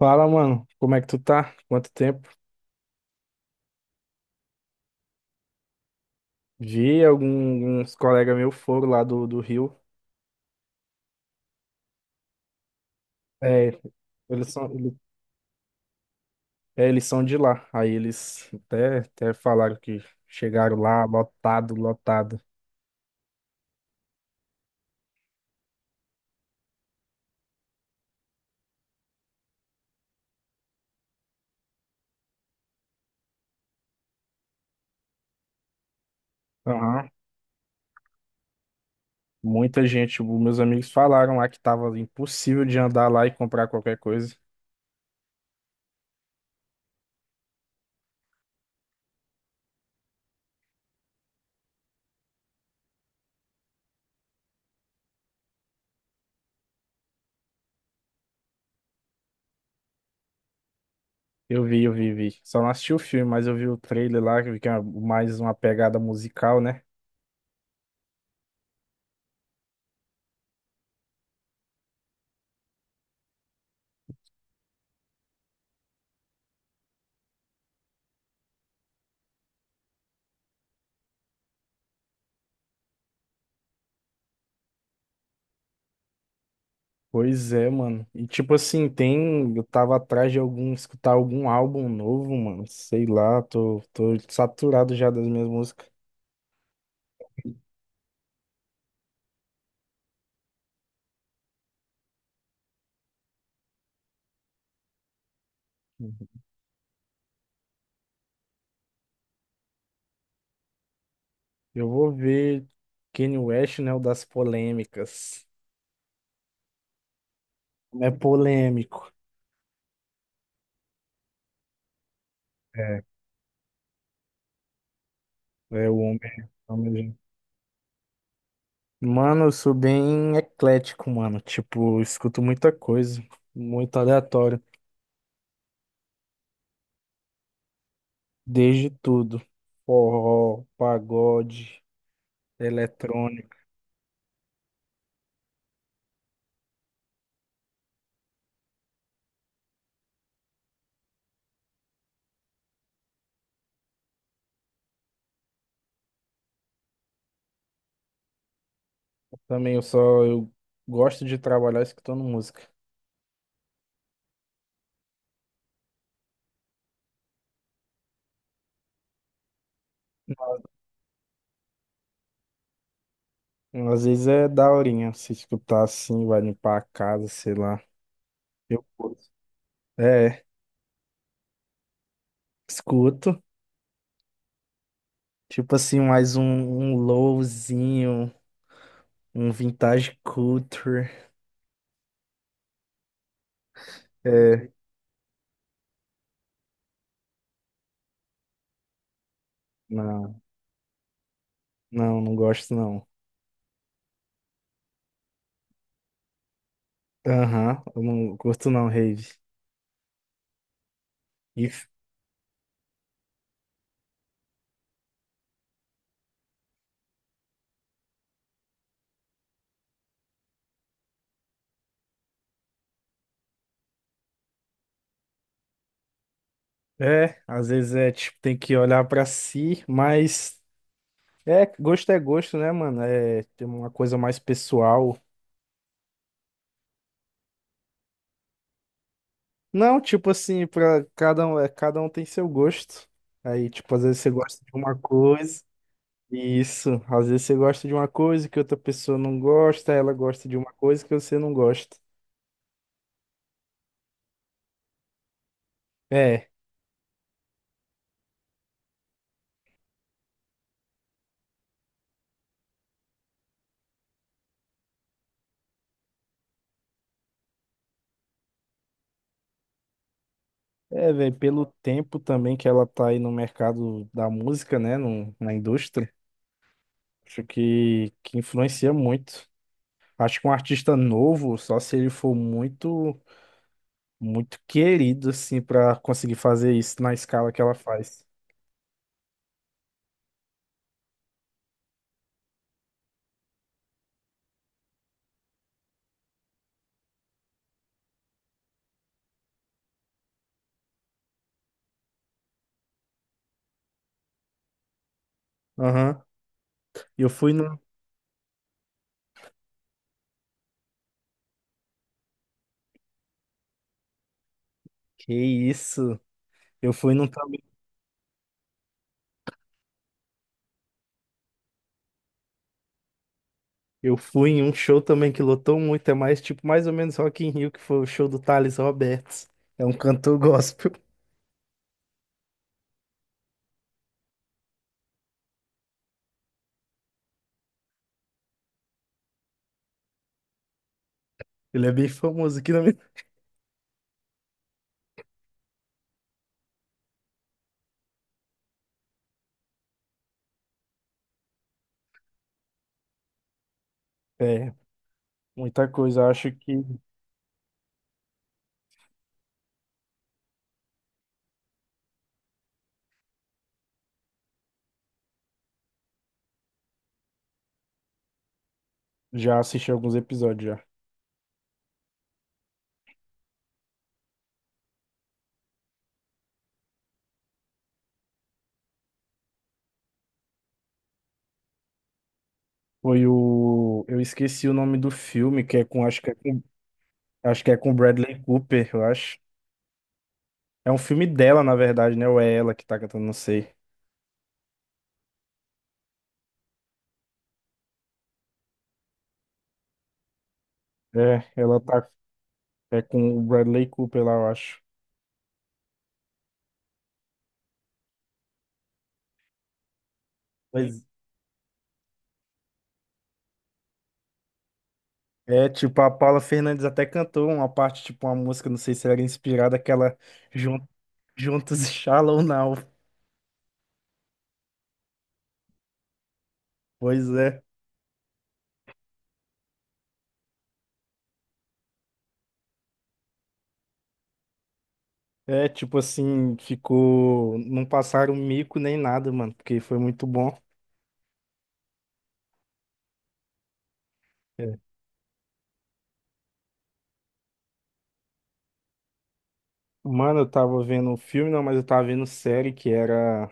Fala, mano, como é que tu tá? Quanto tempo? Vi alguns colegas meus foram lá do Rio. É, eles são, ele- Eles são de lá. Aí eles até falaram que chegaram lá lotado, lotado. Aham. Muita gente, os meus amigos falaram lá que tava impossível de andar lá e comprar qualquer coisa. Vi. Só não assisti o filme, mas eu vi o trailer lá, que vi que é mais uma pegada musical, né? Pois é, mano. E tipo assim, tem. Eu tava atrás de algum, escutar algum álbum novo, mano. Sei lá, tô saturado já das minhas músicas. Uhum. Eu vou ver Kanye West, né? O das polêmicas. É polêmico. É, é o homem. homem- Mano, eu sou bem eclético, mano. Tipo, eu escuto muita coisa, muito aleatório, desde tudo. Forró, pagode, eletrônico. Também eu só eu gosto de trabalhar escutando música. Às vezes é daorinha se escutar assim, vai limpar a casa, sei lá. Eu curto. É, escuto. Tipo assim, mais um lowzinho, um vintage culture. É, não, não gosto não. Aham, eu não curto não, rave. E, é, às vezes é tipo, tem que olhar pra si, mas é gosto, né, mano? É, tem uma coisa mais pessoal. Não, tipo assim, pra cada um, é, cada um tem seu gosto. Aí, tipo, às vezes você gosta de uma coisa. Isso, às vezes você gosta de uma coisa que outra pessoa não gosta, ela gosta de uma coisa que você não gosta. É, Velho, pelo tempo também que ela tá aí no mercado da música, né, no, na indústria, acho que influencia muito. Acho que um artista novo, só se ele for muito querido, assim, pra conseguir fazer isso na escala que ela faz. Aham. Eu fui no, Que isso? Eu fui num também. Eu fui em um show também que lotou muito, é mais tipo mais ou menos Rock in Rio, que foi o show do Thales Roberts. É um cantor gospel. Ele é bem famoso aqui na minha. É, muita coisa. Eu acho que já assisti alguns episódios já. Foi o. Eu esqueci o nome do filme, que é com. Acho que é com Bradley Cooper, eu acho. É um filme dela, na verdade, né? Ou é ela que tá cantando, não sei. É, ela tá. É com o Bradley Cooper lá, eu acho. Pois é, tipo, a Paula Fernandes até cantou uma parte, tipo, uma música, não sei se era inspirada, aquela Jun- Juntos e Shallow Now. Pois é. É, tipo assim, ficou. Não passaram um mico nem nada, mano, porque foi muito bom. É. Mano, eu tava vendo um filme, não, mas eu tava vendo série que era.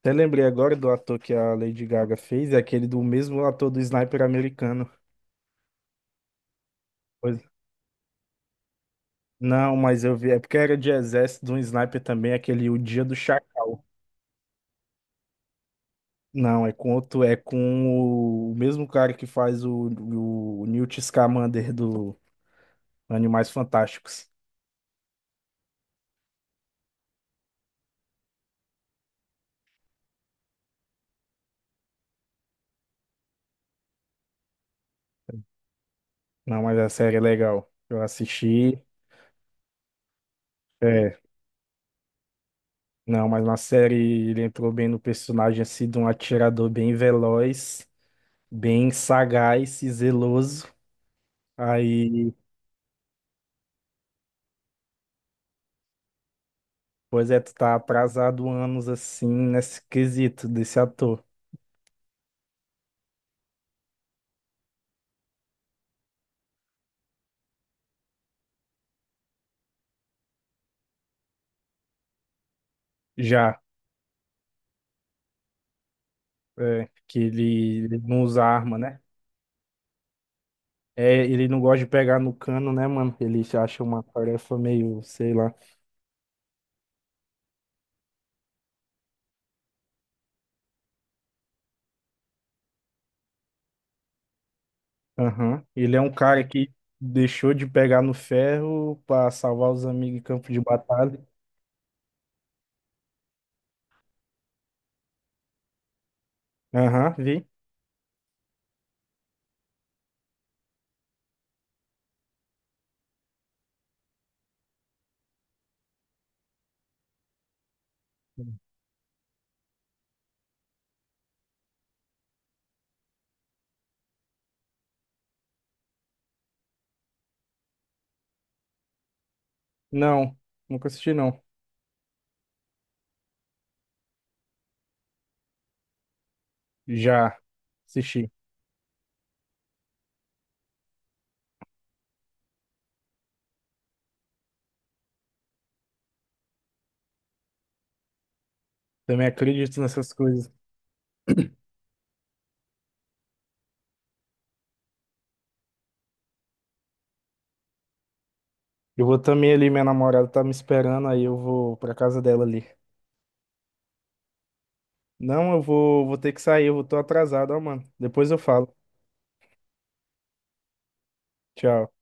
Até lembrei agora do ator que a Lady Gaga fez, é aquele do mesmo ator do Sniper americano. Pois- Não, mas eu vi, é porque era de exército de um sniper também, aquele O Dia do Chacal. Não, é com outro, é com o mesmo cara que faz o Newt Scamander do Animais Fantásticos. Não, mas a série é legal. Eu assisti. É, não, mas na série ele entrou bem no personagem, assim, de um atirador bem veloz, bem sagaz e zeloso. Aí, pois é, tu tá atrasado anos, assim, nesse quesito desse ator. Já, é, que ele não usa arma, né? É, ele não gosta de pegar no cano, né, mano? Ele se acha uma tarefa meio, sei lá. Aham. Ele é um cara que deixou de pegar no ferro pra salvar os amigos em campo de batalha. Aham, vi. Não, nunca assisti, não. Já assisti. Também acredito nessas coisas. Eu vou também ali, minha namorada tá me esperando, aí eu vou pra casa dela ali. Não, vou ter que sair, eu vou, tô atrasado, ó, mano. Depois eu falo. Tchau.